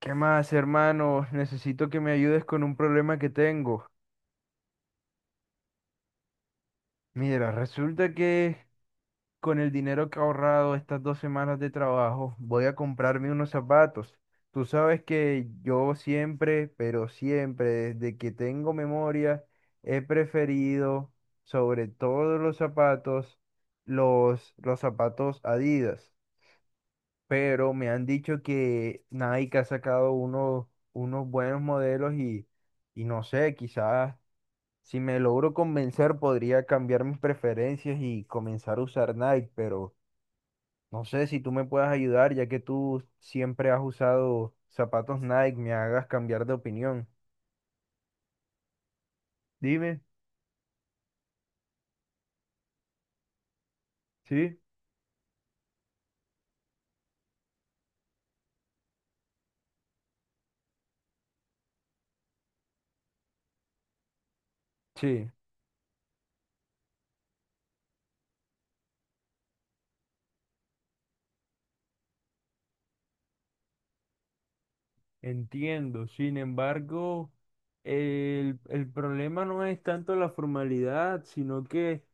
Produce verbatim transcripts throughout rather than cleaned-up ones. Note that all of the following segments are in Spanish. ¿Qué más, hermano? Necesito que me ayudes con un problema que tengo. Mira, resulta que con el dinero que he ahorrado estas dos semanas de trabajo, voy a comprarme unos zapatos. Tú sabes que yo siempre, pero siempre, desde que tengo memoria, he preferido sobre todos los zapatos, los, los zapatos Adidas. Pero me han dicho que Nike ha sacado unos, unos buenos modelos y, y no sé, quizás si me logro convencer, podría cambiar mis preferencias y comenzar a usar Nike, pero no sé si tú me puedas ayudar, ya que tú siempre has usado zapatos Nike, me hagas cambiar de opinión. Dime, sí, sí, entiendo. Sin embargo, el, el problema no es tanto la formalidad, sino que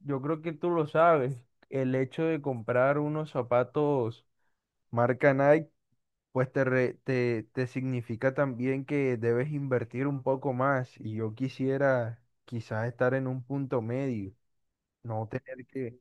yo creo que tú lo sabes, el hecho de comprar unos zapatos marca Nike pues te, re- te, te significa también que debes invertir un poco más y yo quisiera quizás estar en un punto medio, no tener que,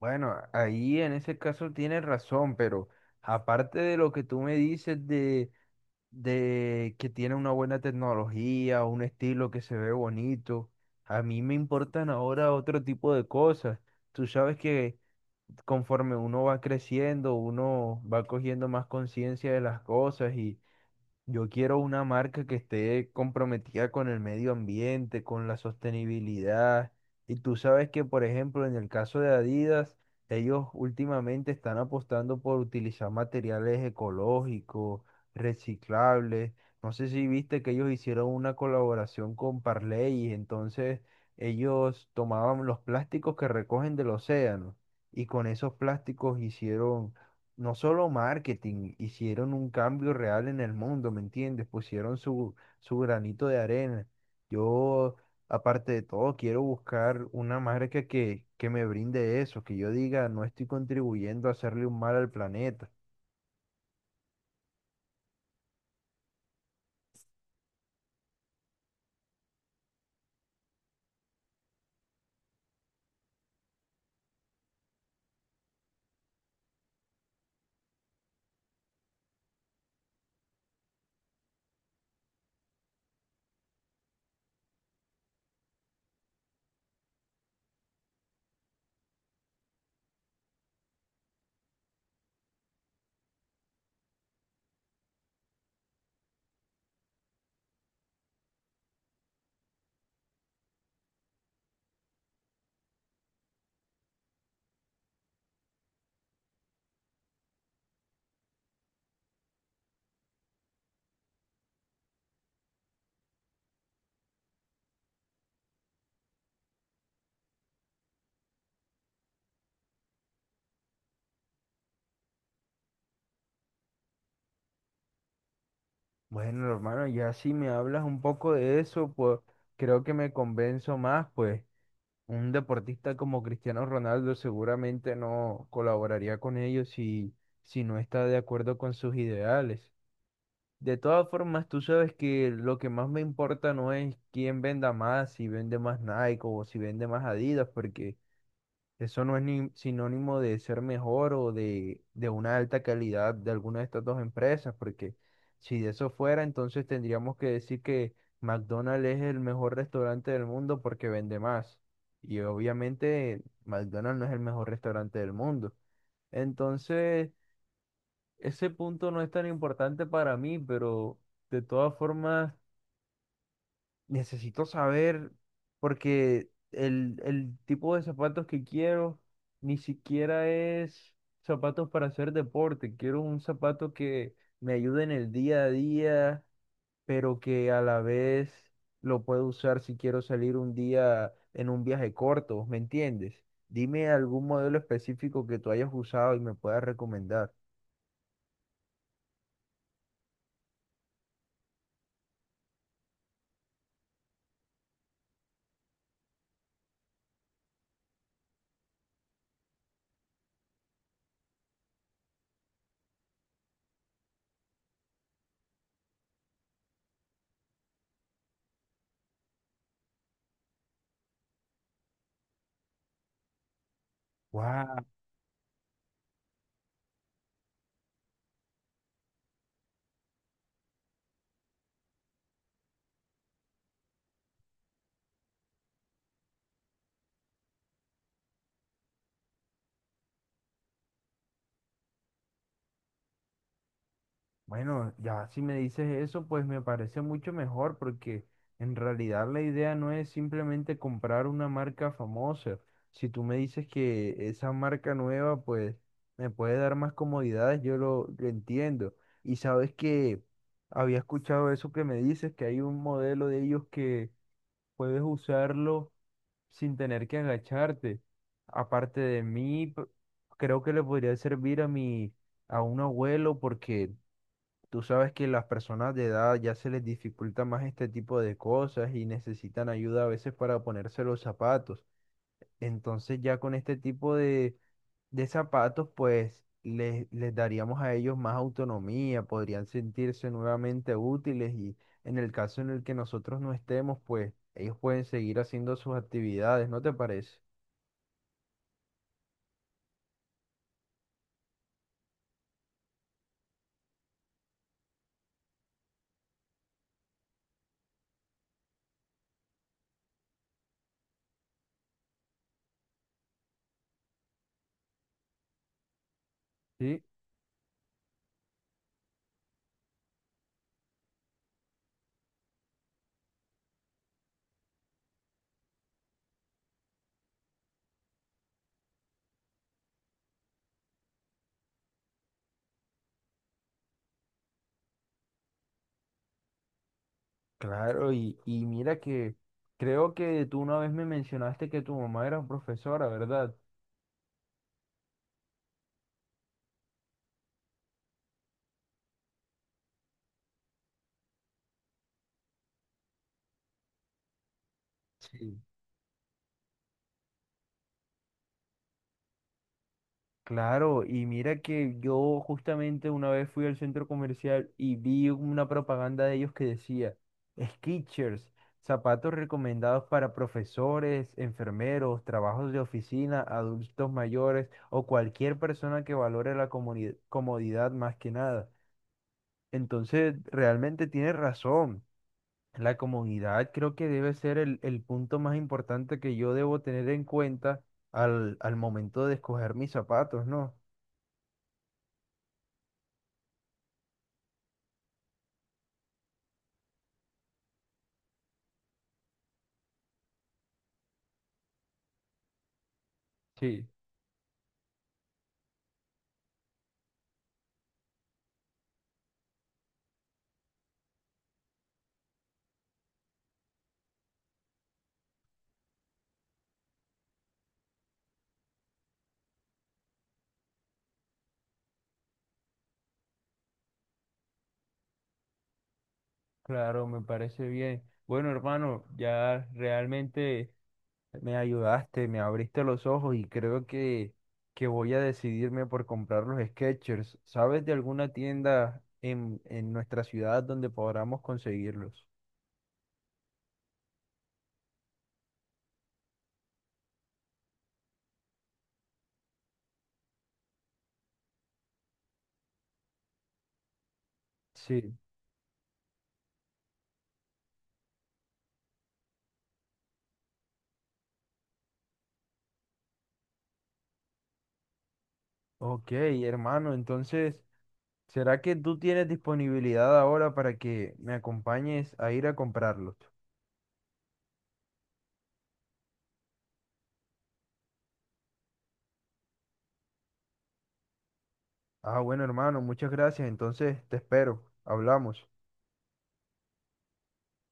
bueno, ahí en ese caso tienes razón, pero aparte de lo que tú me dices de, de que tiene una buena tecnología, un estilo que se ve bonito, a mí me importan ahora otro tipo de cosas. Tú sabes que conforme uno va creciendo, uno va cogiendo más conciencia de las cosas y yo quiero una marca que esté comprometida con el medio ambiente, con la sostenibilidad. Y tú sabes que, por ejemplo, en el caso de Adidas, ellos últimamente están apostando por utilizar materiales ecológicos, reciclables. No sé si viste que ellos hicieron una colaboración con Parley, y entonces ellos tomaban los plásticos que recogen del océano y con esos plásticos hicieron no solo marketing, hicieron un cambio real en el mundo, ¿me entiendes? Pusieron su, su granito de arena. Yo, aparte de todo, quiero buscar una marca que, que me brinde eso, que yo diga, no estoy contribuyendo a hacerle un mal al planeta. Bueno, hermano, ya si me hablas un poco de eso, pues creo que me convenzo más, pues un deportista como Cristiano Ronaldo seguramente no colaboraría con ellos si, si no está de acuerdo con sus ideales. De todas formas, tú sabes que lo que más me importa no es quién venda más, si vende más Nike o si vende más Adidas, porque eso no es ni sinónimo de ser mejor o de, de una alta calidad de alguna de estas dos empresas, porque si de eso fuera, entonces tendríamos que decir que McDonald's es el mejor restaurante del mundo porque vende más. Y obviamente McDonald's no es el mejor restaurante del mundo. Entonces... ese punto no es tan importante para mí, pero de todas formas necesito saber porque el, el tipo de zapatos que quiero ni siquiera es zapatos para hacer deporte. Quiero un zapato que me ayude en el día a día, pero que a la vez lo puedo usar si quiero salir un día en un viaje corto, ¿me entiendes? Dime algún modelo específico que tú hayas usado y me puedas recomendar. Bueno, ya si me dices eso, pues me parece mucho mejor porque en realidad la idea no es simplemente comprar una marca famosa. Si tú me dices que esa marca nueva, pues me puede dar más comodidades, yo lo, lo entiendo. Y sabes que había escuchado eso que me dices, que hay un modelo de ellos que puedes usarlo sin tener que agacharte. Aparte de mí, p- creo que le podría servir a mi, a un abuelo porque... Tú sabes que las personas de edad ya se les dificulta más este tipo de cosas y necesitan ayuda a veces para ponerse los zapatos. Entonces ya con este tipo de, de zapatos, pues les, les daríamos a ellos más autonomía, podrían sentirse nuevamente útiles y en el caso en el que nosotros no estemos, pues ellos pueden seguir haciendo sus actividades, ¿no te parece? Sí, claro, y, y mira que creo que tú una vez me mencionaste que tu mamá era profesora, ¿verdad? Sí. Claro, y mira que yo justamente una vez fui al centro comercial y vi una propaganda de ellos que decía Skechers, zapatos recomendados para profesores, enfermeros, trabajos de oficina, adultos mayores o cualquier persona que valore la comuni- comodidad más que nada. Entonces, realmente tienes razón. La comodidad creo que debe ser el, el punto más importante que yo debo tener en cuenta al, al momento de escoger mis zapatos, ¿no? Sí. Claro, me parece bien. Bueno, hermano, ya realmente me ayudaste, me abriste los ojos y creo que, que voy a decidirme por comprar los Skechers. ¿Sabes de alguna tienda en, en nuestra ciudad donde podamos conseguirlos? Sí. Ok, hermano, entonces, ¿será que tú tienes disponibilidad ahora para que me acompañes a ir a comprarlos? Ah, bueno, hermano, muchas gracias. Entonces, te espero. Hablamos.